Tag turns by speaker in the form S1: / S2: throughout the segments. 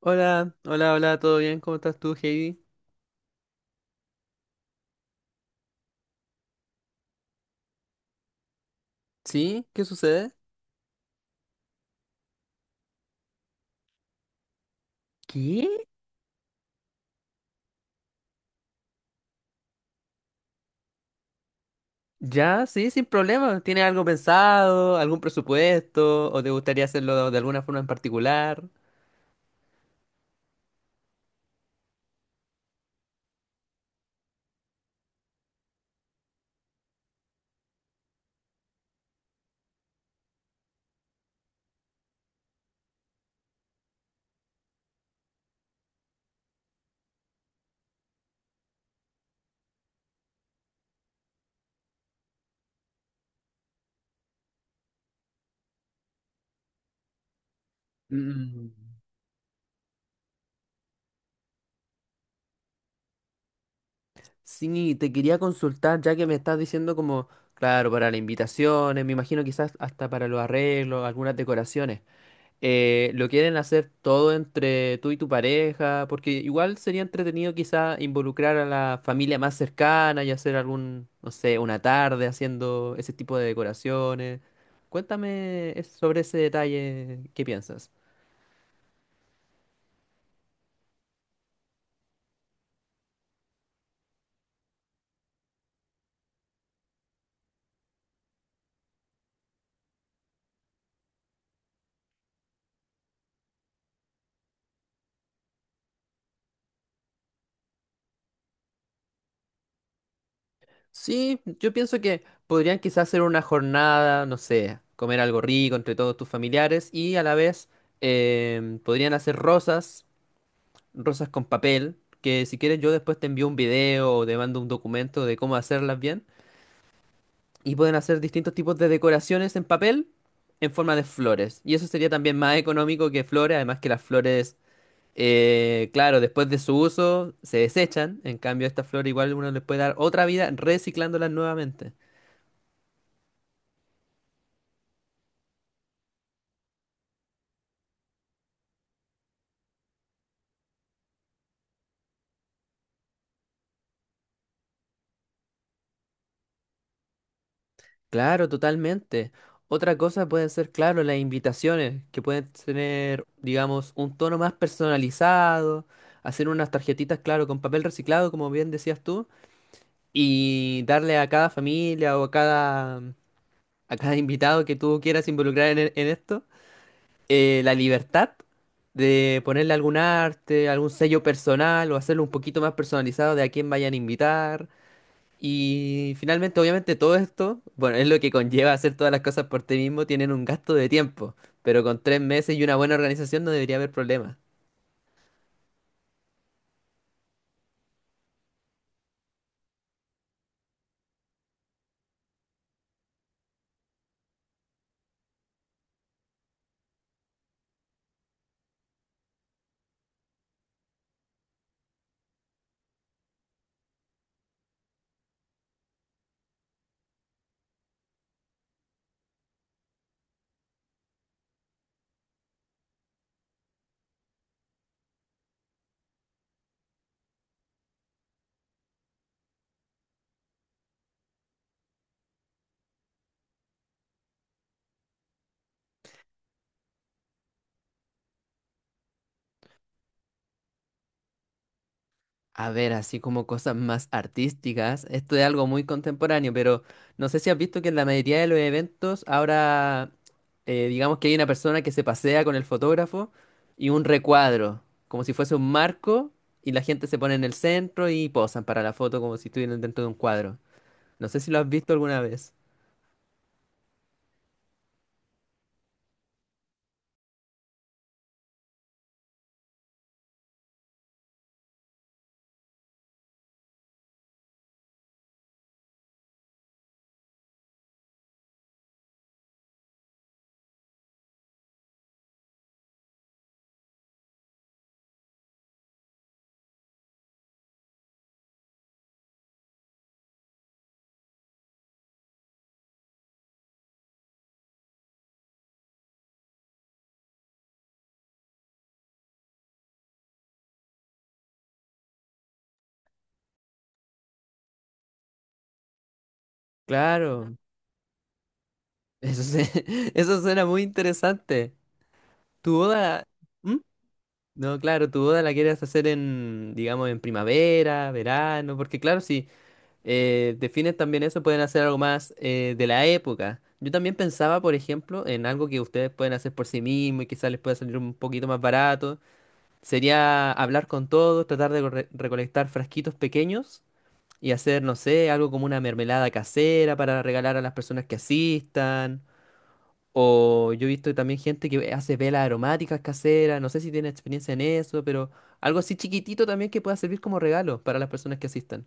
S1: Hola, hola, hola, ¿todo bien? ¿Cómo estás tú, Heidi? ¿Sí? ¿Qué sucede? ¿Qué? Ya, sí, sin problema. ¿Tienes algo pensado, algún presupuesto o te gustaría hacerlo de alguna forma en particular? Mm. Sí, te quería consultar, ya que me estás diciendo como, claro, para las invitaciones, me imagino quizás hasta para los arreglos, algunas decoraciones. Lo quieren hacer todo entre tú y tu pareja, porque igual sería entretenido quizá involucrar a la familia más cercana y hacer algún, no sé, una tarde haciendo ese tipo de decoraciones. Cuéntame sobre ese detalle, ¿qué piensas? Sí, yo pienso que podrían quizás hacer una jornada, no sé, comer algo rico entre todos tus familiares y a la vez podrían hacer rosas con papel, que si quieres yo después te envío un video o te mando un documento de cómo hacerlas bien. Y pueden hacer distintos tipos de decoraciones en papel en forma de flores. Y eso sería también más económico que flores, además que las flores, claro, después de su uso se desechan. En cambio, esta flor igual uno le puede dar otra vida reciclándolas nuevamente. Claro, totalmente. Otra cosa pueden ser, claro, las invitaciones, que pueden tener, digamos, un tono más personalizado, hacer unas tarjetitas, claro, con papel reciclado, como bien decías tú, y darle a cada familia o a cada invitado que tú quieras involucrar en, en esto, la libertad de ponerle algún arte, algún sello personal o hacerlo un poquito más personalizado de a quién vayan a invitar. Y finalmente, obviamente, todo esto, bueno, es lo que conlleva hacer todas las cosas por ti mismo, tienen un gasto de tiempo, pero con 3 meses y una buena organización no debería haber problema. A ver, así como cosas más artísticas, esto es algo muy contemporáneo, pero no sé si has visto que en la mayoría de los eventos ahora, digamos que hay una persona que se pasea con el fotógrafo y un recuadro, como si fuese un marco, y la gente se pone en el centro y posan para la foto como si estuvieran dentro de un cuadro. No sé si lo has visto alguna vez. Claro. Eso, eso suena muy interesante. ¿Tu boda? ¿Mm? No, claro, tu boda la quieres hacer en, digamos, en primavera, verano, porque claro, si defines también eso, pueden hacer algo más de la época. Yo también pensaba, por ejemplo, en algo que ustedes pueden hacer por sí mismos y quizás les pueda salir un poquito más barato. Sería hablar con todos, tratar de recolectar frasquitos pequeños y hacer, no sé, algo como una mermelada casera para regalar a las personas que asistan o yo he visto también gente que hace velas aromáticas caseras, no sé si tiene experiencia en eso, pero algo así chiquitito también que pueda servir como regalo para las personas que asistan.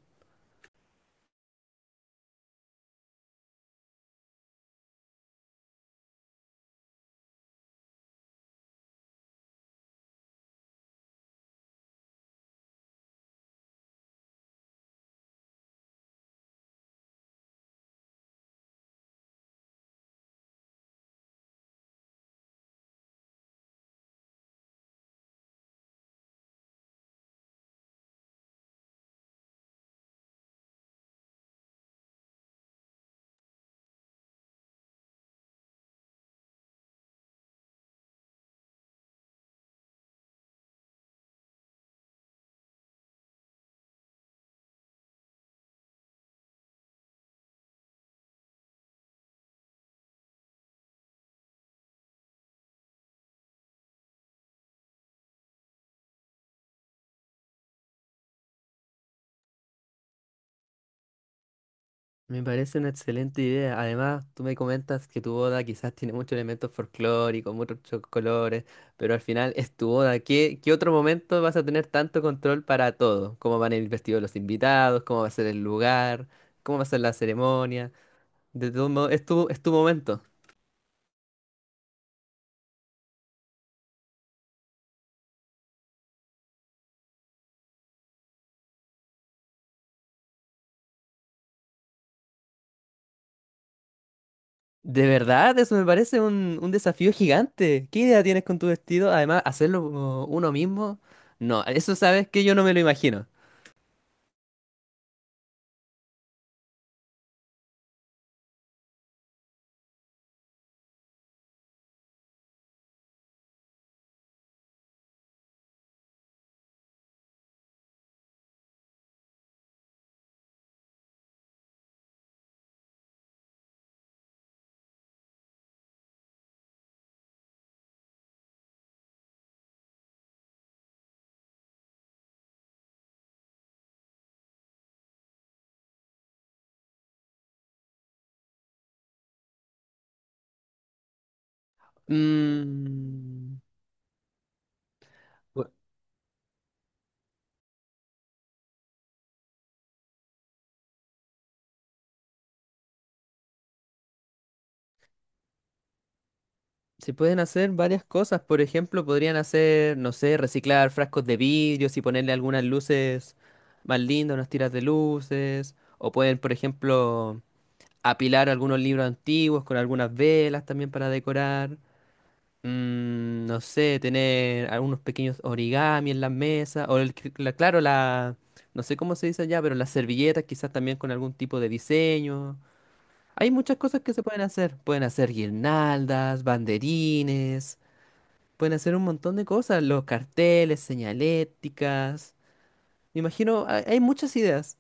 S1: Me parece una excelente idea. Además, tú me comentas que tu boda quizás tiene muchos elementos folclóricos, muchos colores, pero al final es tu boda. ¿Qué, qué otro momento vas a tener tanto control para todo? ¿Cómo van a ir vestidos los invitados? ¿Cómo va a ser el lugar? ¿Cómo va a ser la ceremonia? De todo modo, es tu momento. De verdad, eso me parece un desafío gigante. ¿Qué idea tienes con tu vestido? Además, hacerlo como uno mismo. No, eso sabes que yo no me lo imagino. Mm, bu- Se pueden hacer varias cosas. Por ejemplo, podrían hacer, no sé, reciclar frascos de vidrios y ponerle algunas luces más lindas, unas tiras de luces. O pueden, por ejemplo, apilar algunos libros antiguos con algunas velas también para decorar. No sé, tener algunos pequeños origami en las mesas, o el, claro, la, no sé cómo se dice allá, pero las servilletas quizás también con algún tipo de diseño. Hay muchas cosas que se pueden hacer. Pueden hacer guirnaldas, banderines, pueden hacer un montón de cosas, los carteles, señaléticas. Me imagino, hay muchas ideas.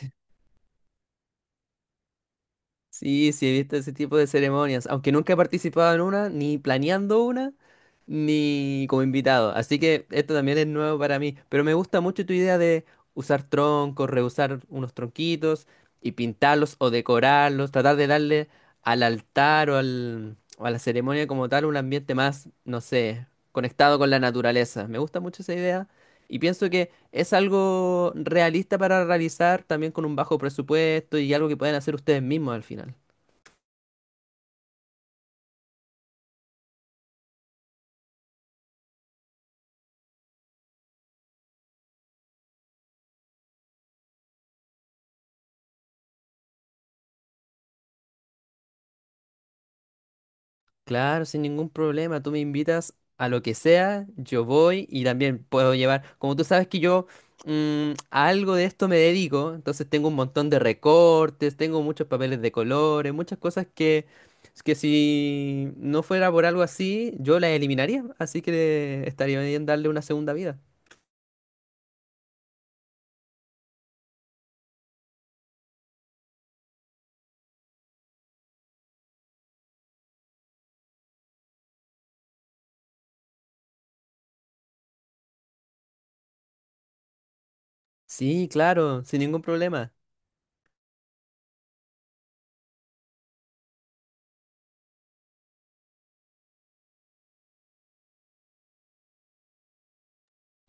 S1: Sí, sí, he visto ese tipo de ceremonias, aunque nunca he participado en una, ni planeando una, ni como invitado. Así que esto también es nuevo para mí, pero me gusta mucho tu idea de usar troncos, reusar unos tronquitos y pintarlos o decorarlos, tratar de darle al altar o, al, o a la ceremonia como tal un ambiente más, no sé, conectado con la naturaleza. Me gusta mucho esa idea y pienso que es algo realista para realizar también con un bajo presupuesto y algo que pueden hacer ustedes mismos al final. Claro, sin ningún problema, tú me invitas a lo que sea, yo voy y también puedo llevar, como tú sabes que yo a algo de esto me dedico, entonces tengo un montón de recortes, tengo muchos papeles de colores, muchas cosas que si no fuera por algo así, yo las eliminaría, así que estaría bien darle una segunda vida. Sí, claro, sin ningún problema.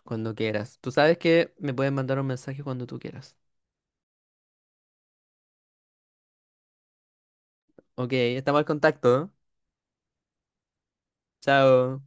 S1: Cuando quieras. Tú sabes que me puedes mandar un mensaje cuando tú quieras. Ok, estamos al contacto. Chao.